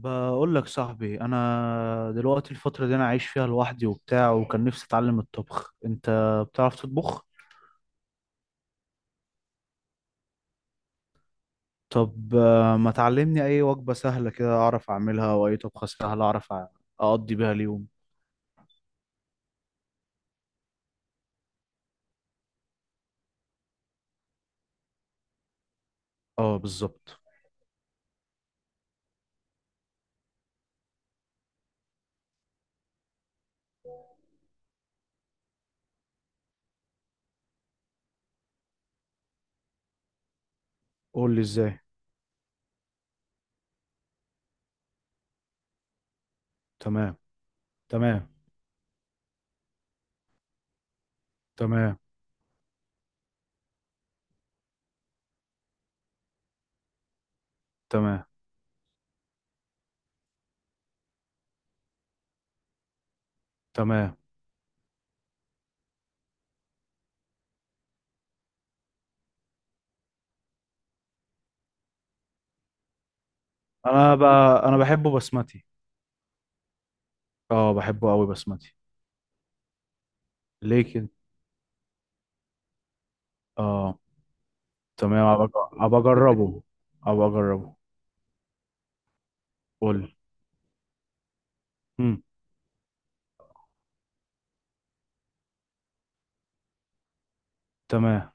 بقول لك صاحبي، انا دلوقتي الفتره دي انا عايش فيها لوحدي وبتاع، وكان نفسي اتعلم الطبخ. انت بتعرف تطبخ؟ طب ما تعلمني اي وجبه سهله كده اعرف اعملها، واي طبخه سهله اعرف اقضي بيها اليوم. اه، بالظبط. قول لي ازاي. تمام. تمام. تمام. تمام. تمام. انا بقى انا بحبه بسمتي. اه، بحبه قوي بسمتي. ليه كده؟ اه. تمام، ابقى اجربه. ابقى اجربه. قول لي. مم. تمام.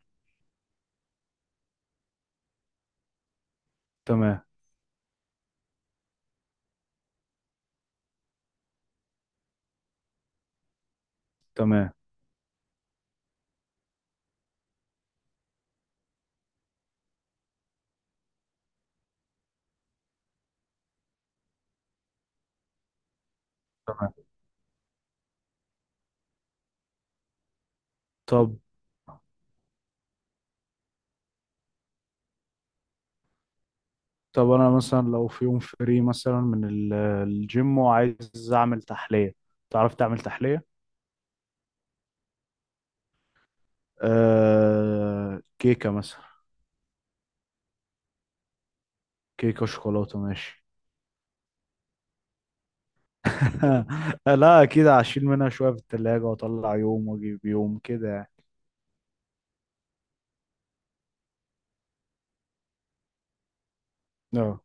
تمام. تمام. تمام. طب طب انا مثلا لو في يوم فري مثلا من الجيم وعايز اعمل تحلية. تعرف تعمل تحلية؟ كيكة مثلا. كيكة شوكولاتة ماشي. لا، اكيد هشيل منها شوية في التلاجة واطلع يوم واجيب يوم كده يعني. اه.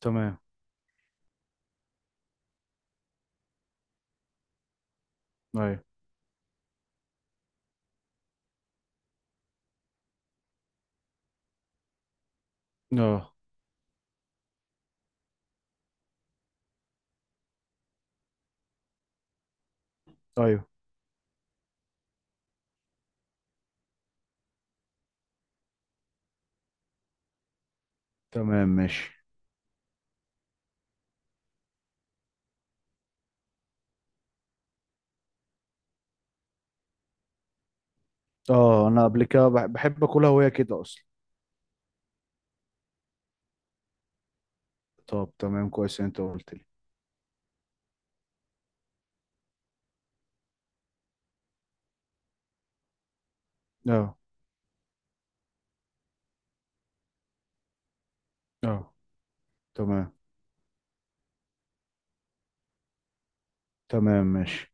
تمام. ايوه. اه. ايوه. تمام ماشي. اه، انا قبل كده بحب اكلها وهي كده اصلا. طب تمام، كويس إن انت قلت لي. اه. اه. تمام. تمام ماشي.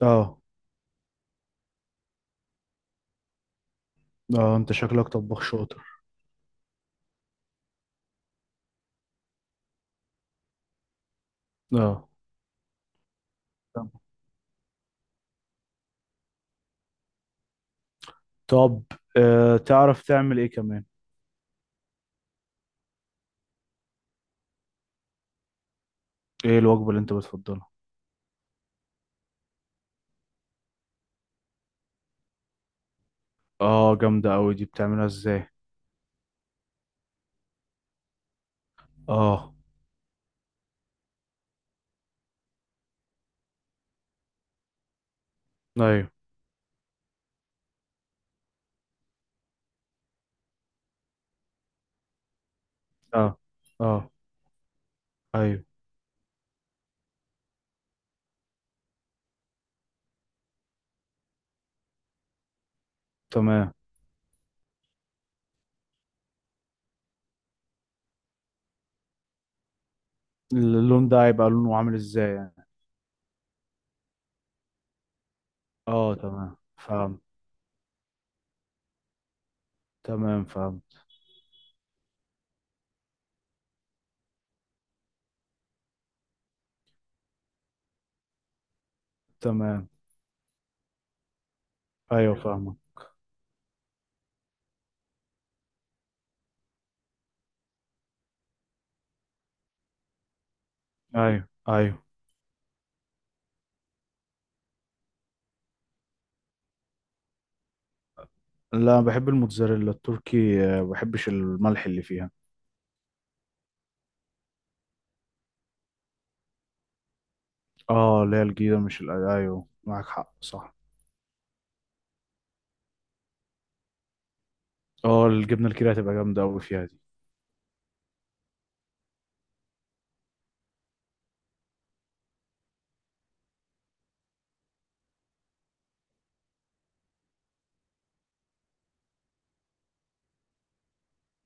اه. اه، انت شكلك طباخ شاطر. اه. طب تعرف تعمل ايه كمان؟ ايه الوجبة اللي انت بتفضلها؟ اه، جامدة قوي دي، بتعملها ازاي؟ اه. ايوه. اه. اه. ايوه. تمام. اللون ده هيبقى لونه عامل ازاي يعني؟ اه تمام فاهم. تمام فاهم. تمام ايوه فاهمة. ايوه. ايوه. لا، بحب الموتزاريلا التركي، ما بحبش الملح اللي فيها. اه، اللي هي الجديدة مش ايوه، معاك حق، صح. اه، الجبنة الكيري هتبقى جامدة قوي فيها دي.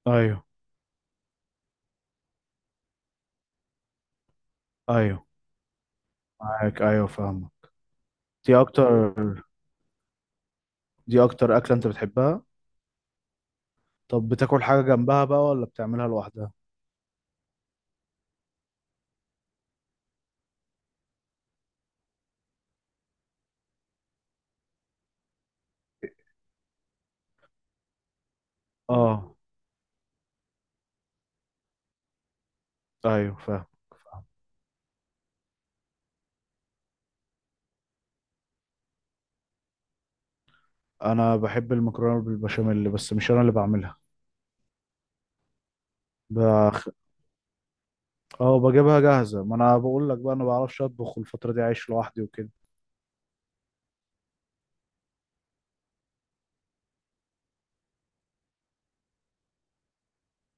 ايوه. ايوه معاك، ايوه فاهمة. دي اكتر دي اكتر اكلة انت بتحبها؟ طب بتاكل حاجة جنبها بقى، ولا بتعملها لوحدها؟ اه. ايوه فاهم. انا بحب المكرونة بالبشاميل، بس مش انا اللي بعملها. بخ... اه، بجيبها جاهزة. ما انا بقول لك بقى انا بعرفش اطبخ، الفترة دي عايش لوحدي وكده.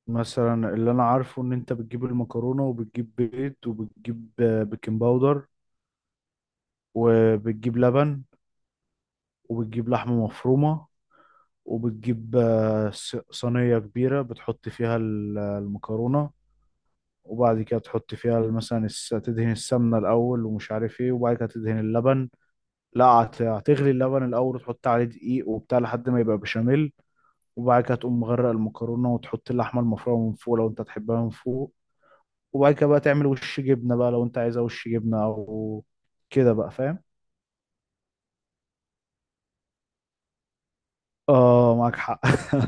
مثلا اللي انا عارفه ان انت بتجيب المكرونة، وبتجيب بيض، وبتجيب بيكنج باودر، وبتجيب لبن، وبتجيب لحمة مفرومة، وبتجيب صينية كبيرة بتحط فيها المكرونة. وبعد كده تحط فيها مثلا تدهن السمنة الأول ومش عارف ايه، وبعد كده تدهن اللبن. لا، هتغلي اللبن الأول وتحط عليه دقيق وبتاع لحد ما يبقى بشاميل. وبعد كده تقوم مغرق المكرونة وتحط اللحمة المفرومة من فوق لو انت تحبها من فوق. وبعد كده بقى تعمل وش جبنة بقى، لو انت عايزة وش جبنة أو كده بقى فاهم. اه، معاك حق.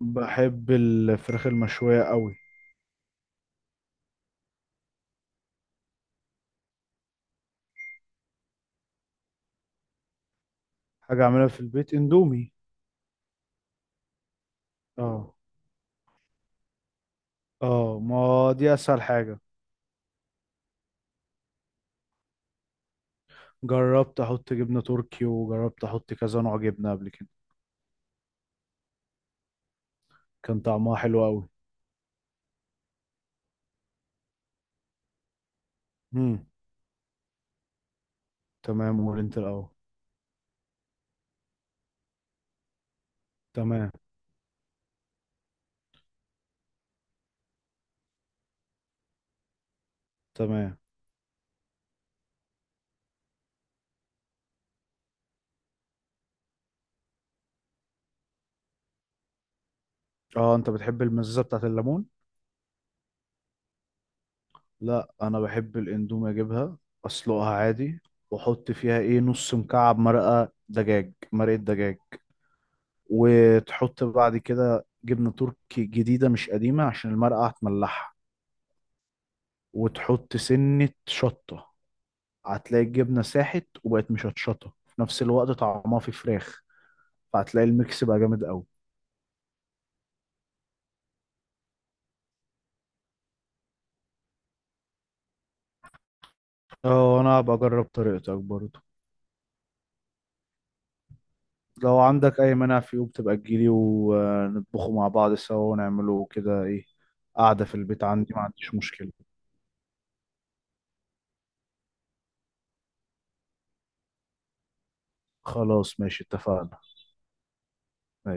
بحب الفراخ المشوية قوي. حاجة أعملها في البيت، اندومي. اه. اه، ما دي اسهل حاجة. جربت احط جبنة تركي، وجربت احط كذا نوع جبنة قبل كده. كان طعمها حلو قوي. امم. تمام، قول انت الاول. تمام. تمام. اه، انت بتحب المزازة بتاعت الليمون؟ لا، انا بحب الاندومي اجيبها، اسلقها عادي. واحط فيها ايه نص مكعب مرقة دجاج، مرقة دجاج. وتحط بعد كده جبنة تركي جديدة مش قديمة عشان المرقة هتملحها. وتحط سنة شطة. هتلاقي الجبنة ساحت وبقت مشطشطة في نفس الوقت، طعمها في فراخ. فهتلاقي الميكس بقى جامد قوي. اه، انا هبقى اجرب طريقتك برضه. لو عندك اي مانع، في يوم تبقى تجيلي ونطبخه مع بعض سوا، ونعمله كده ايه. قاعدة في البيت عندي، ما عنديش مشكلة. خلاص ماشي، اتفقنا.